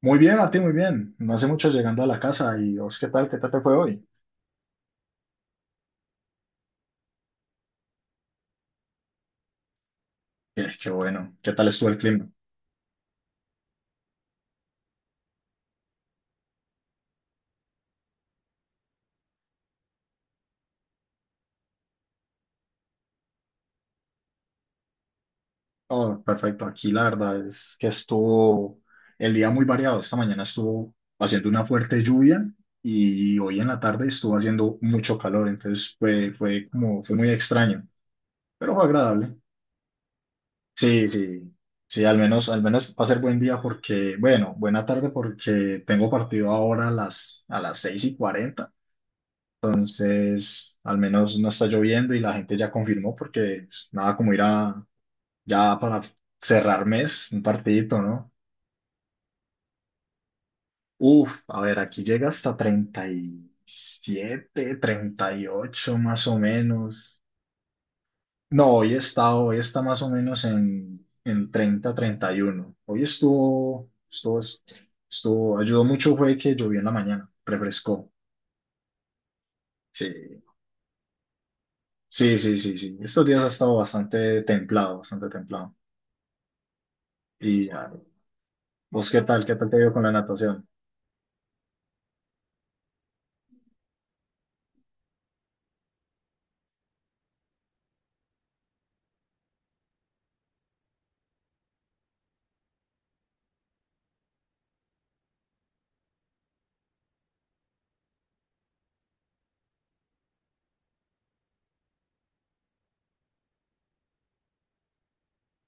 Muy bien, Martín, muy bien. No hace mucho llegando a la casa y vos, ¿qué tal? ¿Qué tal te fue hoy? Qué bueno. ¿Qué tal estuvo el clima? Oh, perfecto. Aquí la verdad es que estuvo el día muy variado. Esta mañana estuvo haciendo una fuerte lluvia y hoy en la tarde estuvo haciendo mucho calor. Entonces fue muy extraño, pero fue agradable. Sí, sí. Sí, al menos va a ser buen día porque, bueno, buena tarde porque tengo partido ahora a las 6:40. Entonces, al menos no está lloviendo y la gente ya confirmó porque pues, nada como ir a ya para cerrar mes, un partidito, ¿no? Uf, a ver, aquí llega hasta 30 37 38 más o menos. No, hoy está más o menos en 30 31. Hoy ayudó mucho fue que llovió en la mañana, refrescó. Sí, sí, sí, sí, sí. Estos días ha estado bastante templado, bastante templado. Y ah, ¿Vos qué tal? ¿Qué tal te ha ido con la natación?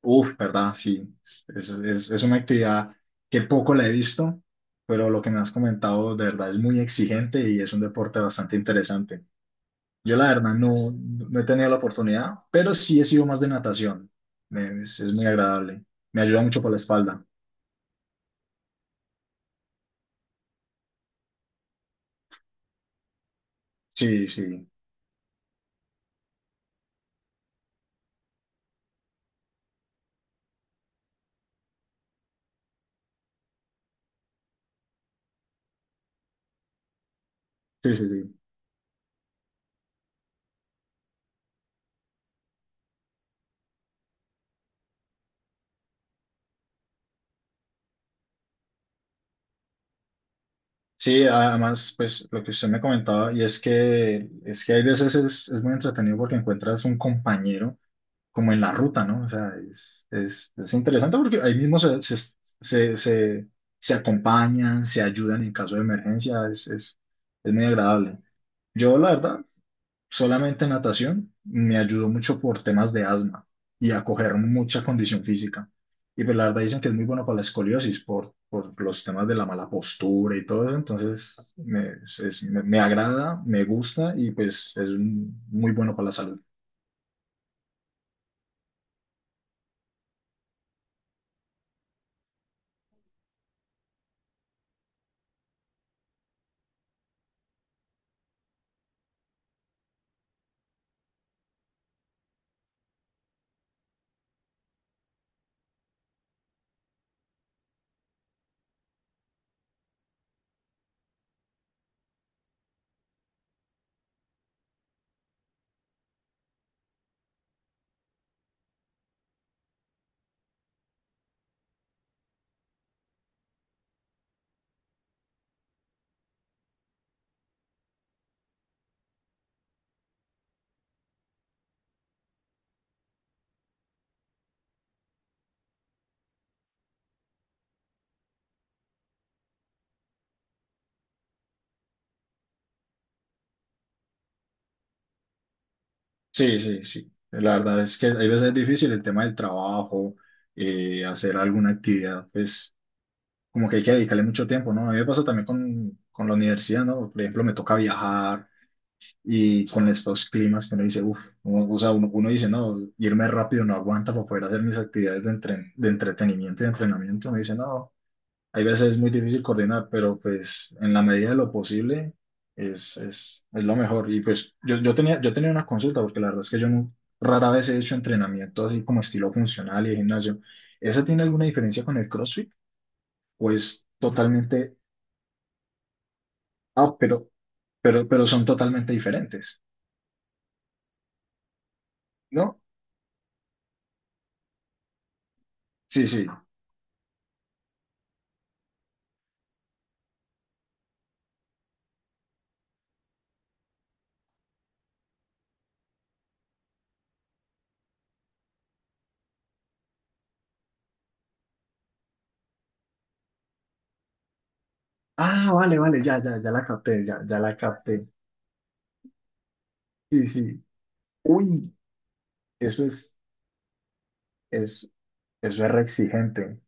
Uf, ¿verdad? Sí, es una actividad que poco la he visto, pero lo que me has comentado de verdad es muy exigente y es un deporte bastante interesante. Yo la verdad no he tenido la oportunidad, pero sí he sido más de natación. Es muy agradable. Me ayuda mucho por la espalda. Sí, sí, sí, sí, sí. Sí, además, pues lo que usted me comentaba, y es que hay veces es muy entretenido porque encuentras un compañero como en la ruta, ¿no? O sea, es interesante porque ahí mismo se, se, se acompañan, se ayudan en caso de emergencia, es muy agradable. Yo, la verdad, solamente natación me ayudó mucho por temas de asma y a coger mucha condición física. Y pues la verdad dicen que es muy bueno para la escoliosis por los temas de la mala postura y todo eso. Entonces, me agrada, me gusta y pues es muy bueno para la salud. Sí, sí, sí. La verdad es que hay veces difícil el tema del trabajo, hacer alguna actividad, pues como que hay que dedicarle mucho tiempo, ¿no? A mí me pasa también con la universidad, ¿no? Por ejemplo, me toca viajar y con estos climas que uno dice, uff, o sea, uno dice, no, irme rápido no aguanta para poder hacer mis actividades de entretenimiento y entrenamiento. Uno dice, no, hay veces es muy difícil coordinar, pero pues en la medida de lo posible es lo mejor. Y pues yo tenía una consulta, porque la verdad es que yo no, rara vez he hecho entrenamiento así como estilo funcional y de gimnasio. ¿Esa tiene alguna diferencia con el CrossFit? Pues totalmente, ah, pero, pero son totalmente diferentes, ¿no? Sí, sí. Ah, vale, vale, ya, ya, ya la capté, ya, ya la capté. Sí, sí. Uy, eso es, es, eso es re exigente.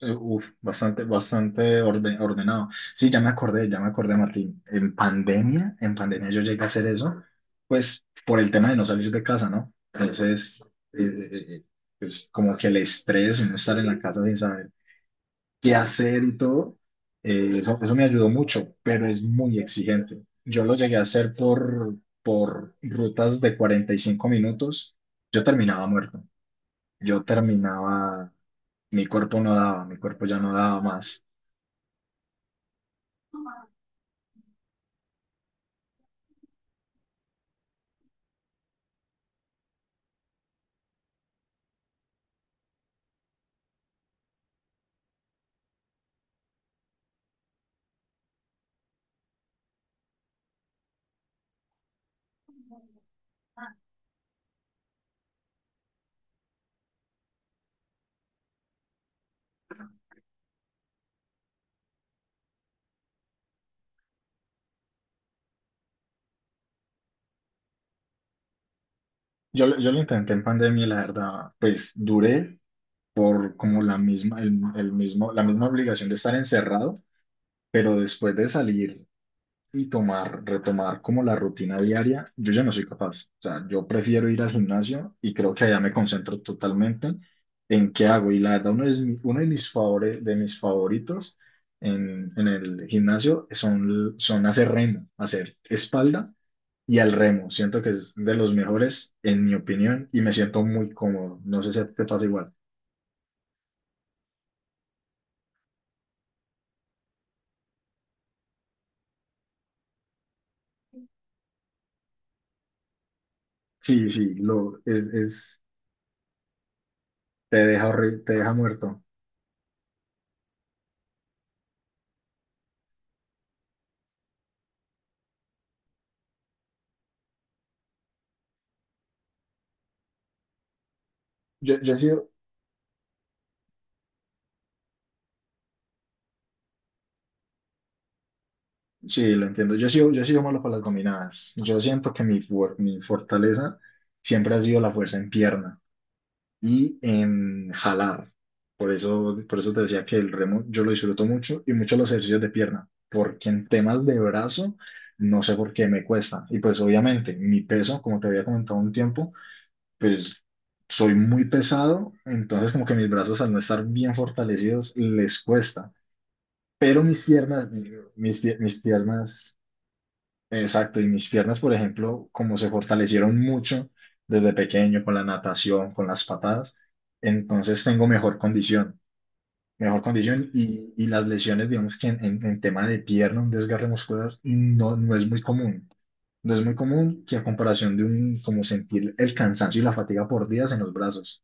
Uf, bastante ordenado. Sí, ya me acordé, Martín. En pandemia yo llegué a hacer eso, pues por el tema de no salir de casa, ¿no? Entonces, eh, eh, eh, eh, pues como que el estrés, no estar en la casa sin saber qué hacer y todo, eso me ayudó mucho, pero es muy exigente. Yo lo llegué a hacer por rutas de 45 minutos, yo terminaba muerto, yo terminaba, mi cuerpo no daba, mi cuerpo ya no daba más. Yo lo intenté en pandemia, y la verdad, pues duré por como la misma, el mismo, la misma obligación de estar encerrado, pero después de salir y retomar como la rutina diaria, yo ya no soy capaz. O sea, yo prefiero ir al gimnasio y creo que allá me concentro totalmente en qué hago. Y la verdad, uno de de mis favoritos en el gimnasio son hacer remo, hacer espalda y al remo. Siento que es de los mejores, en mi opinión, y me siento muy cómodo. No sé si a ti te pasa igual. Sí, sí, te deja muerto. Yo, yo he sido, sí, lo entiendo. Yo he sido malo para las dominadas. Yo siento que mi fortaleza siempre ha sido la fuerza en pierna. Y en jalar. Por eso te decía que el remo yo lo disfruto mucho y mucho los ejercicios de pierna, porque en temas de brazo no sé por qué me cuesta. Y pues obviamente mi peso, como te había comentado un tiempo, pues soy muy pesado, entonces como que mis brazos al no estar bien fortalecidos les cuesta. Pero mis piernas. Exacto, y mis piernas, por ejemplo, como se fortalecieron mucho desde pequeño con la natación, con las patadas, entonces tengo mejor condición y las lesiones, digamos que en tema de pierna, un desgarre muscular no es muy común. No es muy común que a comparación de un, como sentir el cansancio y la fatiga por días en los brazos.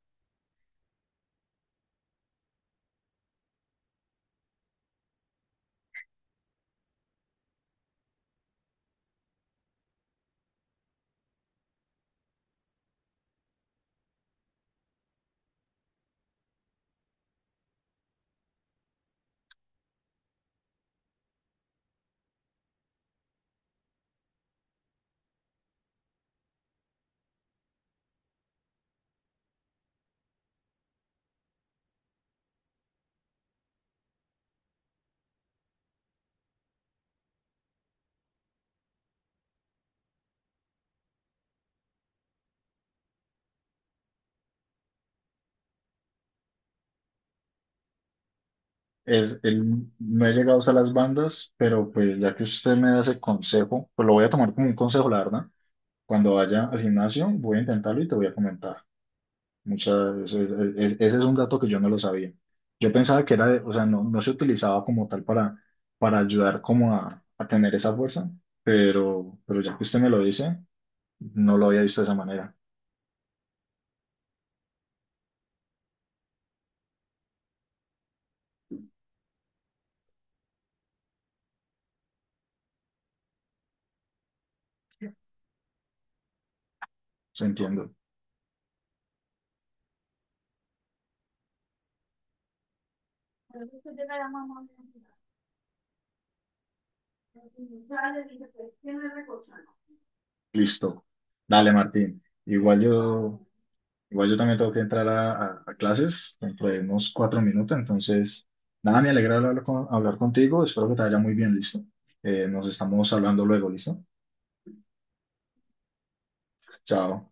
No he llegado hasta las bandas, pero pues ya que usted me da ese consejo, pues lo voy a tomar como un consejo, la verdad. Cuando vaya al gimnasio, voy a intentarlo y te voy a comentar. Muchas, es- Ese es un dato que yo no lo sabía. Yo pensaba que era de, o sea, no se utilizaba como tal para ayudar como a tener esa fuerza, pero ya que usted me lo dice, no lo había visto de esa manera. Se entiendo. Listo. Dale, Martín. Igual yo también tengo que entrar a clases dentro de unos 4 minutos, entonces, nada, me alegra hablar contigo. Espero que te vaya muy bien, listo. Nos estamos hablando luego, ¿listo? Chao.